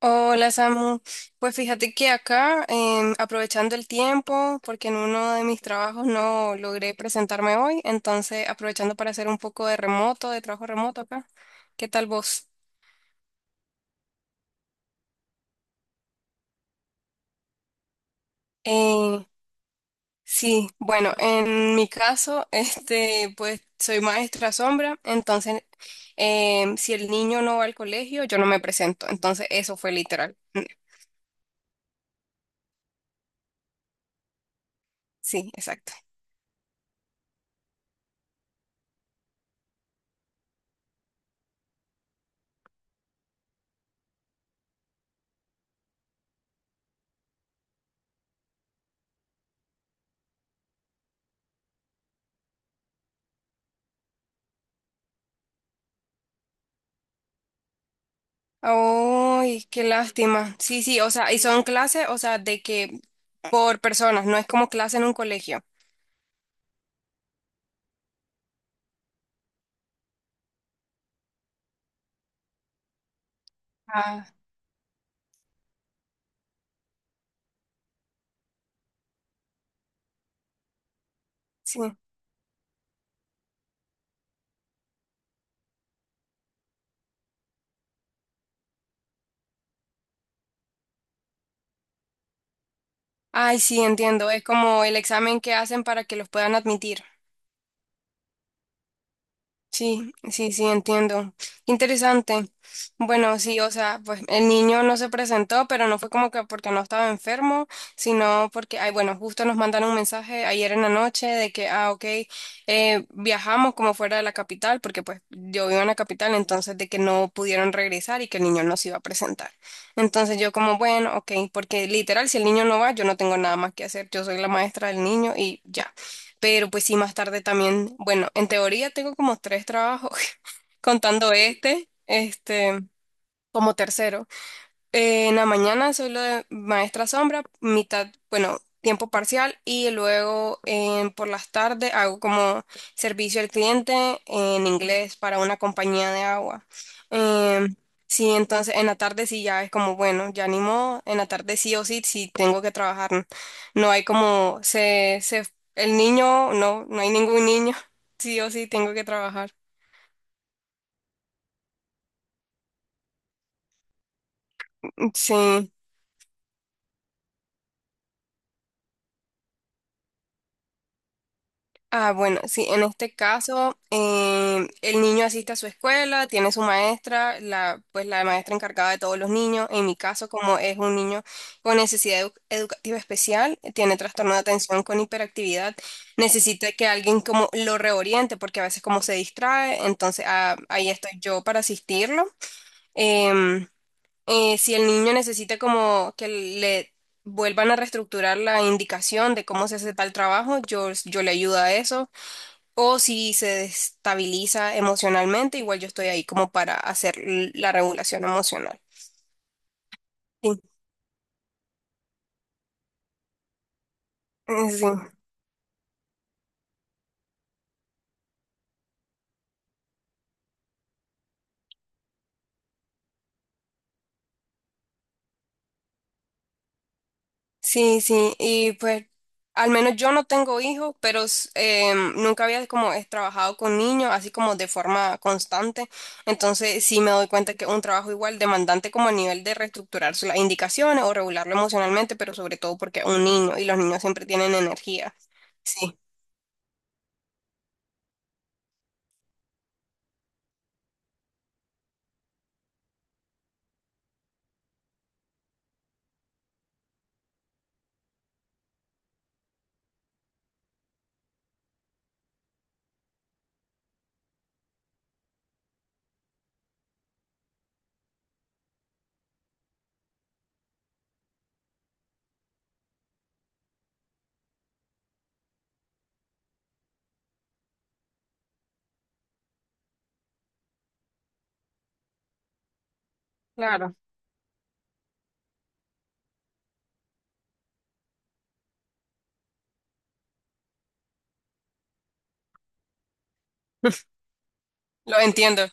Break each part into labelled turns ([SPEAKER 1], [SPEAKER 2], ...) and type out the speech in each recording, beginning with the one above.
[SPEAKER 1] Hola Samu, pues fíjate que acá, aprovechando el tiempo, porque en uno de mis trabajos no logré presentarme hoy, entonces aprovechando para hacer un poco de remoto, de trabajo remoto acá. ¿Qué tal vos? Eh, sí, bueno, en mi caso, este, pues soy maestra sombra, entonces si el niño no va al colegio, yo no me presento, entonces eso fue literal. Sí, exacto. Ay, qué lástima. Sí, sí, o sea, y son clases, o sea, de que por personas, no es como clase en un colegio. Ah, sí. Ay, sí, entiendo. Es como el examen que hacen para que los puedan admitir. Sí, sí, sí, entiendo. Interesante. Bueno, sí, o sea, pues el niño no se presentó, pero no fue como que porque no estaba enfermo, sino porque, ay, bueno, justo nos mandaron un mensaje ayer en la noche de que, ah, ok, viajamos como fuera de la capital, porque pues yo vivo en la capital, entonces de que no pudieron regresar y que el niño no se iba a presentar. Entonces yo como, bueno, ok, porque literal, si el niño no va, yo no tengo nada más que hacer, yo soy la maestra del niño y ya. Pero pues sí, más tarde también, bueno, en teoría tengo como tres trabajos, contando como tercero. En la mañana soy lo de maestra sombra, mitad, bueno, tiempo parcial y luego por las tardes hago como servicio al cliente en inglés para una compañía de agua. Em, sí, entonces en la tarde sí ya es como, bueno, ya ni modo, en la tarde sí o sí, sí tengo que trabajar. No hay como, el niño, no, no hay ningún niño, sí o sí tengo que trabajar. Sí. Ah, bueno, sí, en este caso, el niño asiste a su escuela, tiene su maestra, la, pues la maestra encargada de todos los niños. En mi caso, como es un niño con necesidad educativa especial, tiene trastorno de atención con hiperactividad, necesita que alguien como lo reoriente, porque a veces como se distrae, entonces ahí estoy yo para asistirlo. Em, si el niño necesita como que le vuelvan a reestructurar la indicación de cómo se hace tal trabajo, yo le ayudo a eso. O si se destabiliza emocionalmente, igual yo estoy ahí como para hacer la regulación emocional. Sí, sí, sí, sí. Y pues al menos yo no tengo hijos, pero nunca había como trabajado con niños, así como de forma constante. Entonces sí me doy cuenta que es un trabajo igual demandante como a nivel de reestructurar las indicaciones o regularlo emocionalmente, pero sobre todo porque es un niño y los niños siempre tienen energía. Sí, claro. Lo entiendo.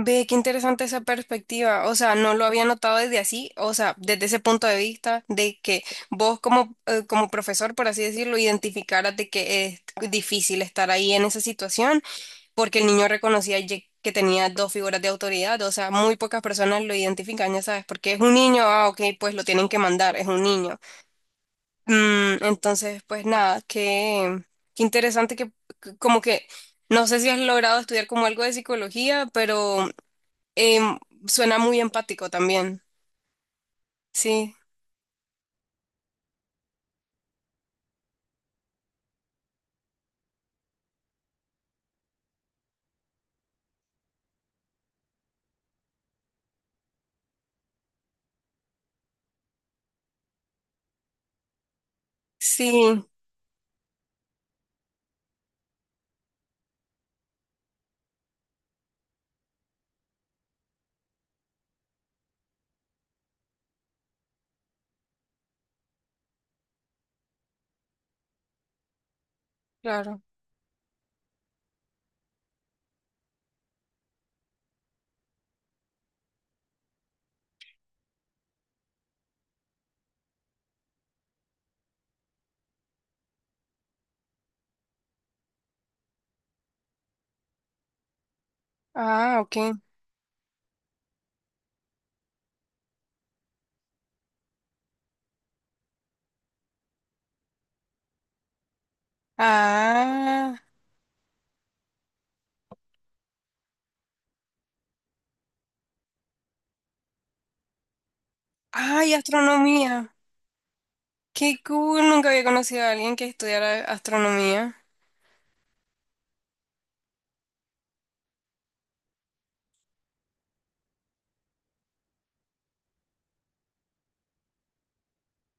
[SPEAKER 1] Ve, qué interesante esa perspectiva. O sea, no lo había notado desde así, o sea, desde ese punto de vista de que vos como, como profesor, por así decirlo, identificaras de que es difícil estar ahí en esa situación, porque el niño reconocía ye- que tenía dos figuras de autoridad. O sea, muy pocas personas lo identifican, ya sabes, porque es un niño, ah, ok, pues lo tienen que mandar, es un niño. Mm, entonces, pues nada, qué interesante que que- como que... No sé si has logrado estudiar como algo de psicología, pero Em, suena muy empático también. Sí, sí, claro. Ah, ok. Ah, ay, astronomía. Qué cool, nunca había conocido a alguien que estudiara astronomía.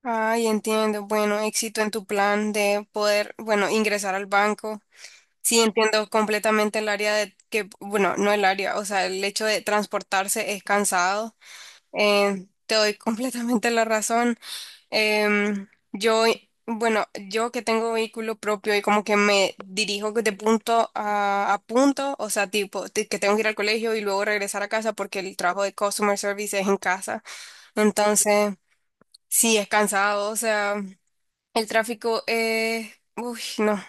[SPEAKER 1] Ay, entiendo. Bueno, éxito en tu plan de poder, bueno, ingresar al banco. Sí, entiendo completamente el área de que, bueno, no el área, o sea, el hecho de transportarse es cansado. Te doy completamente la razón. Yo, bueno, yo que tengo vehículo propio y como que me dirijo de punto a punto, o sea, tipo, que tengo que ir al colegio y luego regresar a casa porque el trabajo de customer service es en casa. Entonces, sí, es cansado, o sea, el tráfico es, uy, no.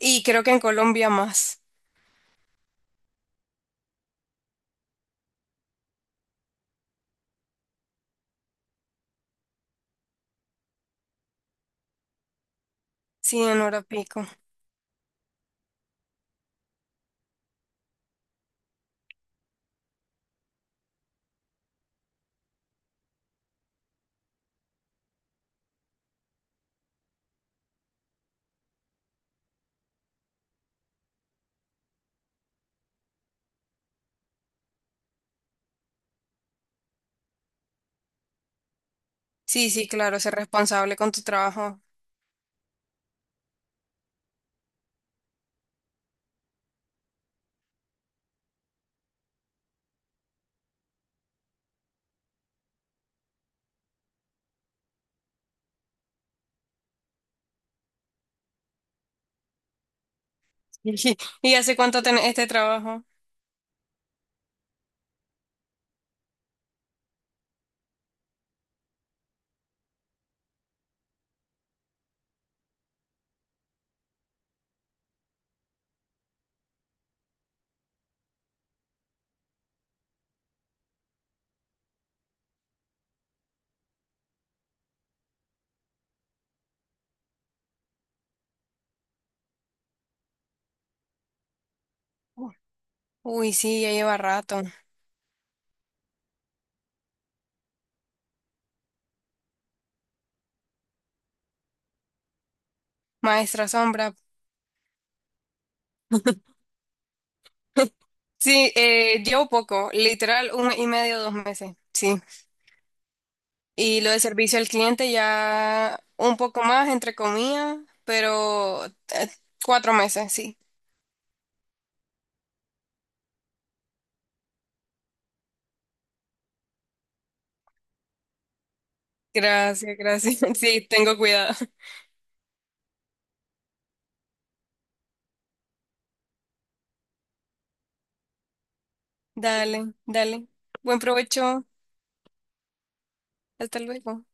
[SPEAKER 1] Y creo que en Colombia más, sí, en hora pico. Sí, sí, claro, ser responsable con tu trabajo. ¿Y hace cuánto tenés este trabajo? Uy, sí, ya lleva rato. Maestra Sombra. Sí, llevo poco, literal un mes y medio, 2 meses, sí. Y lo de servicio al cliente ya un poco más, entre comillas, pero 4 meses, sí. Gracias, gracias. Sí, tengo cuidado. Dale, dale. Buen provecho. Hasta luego.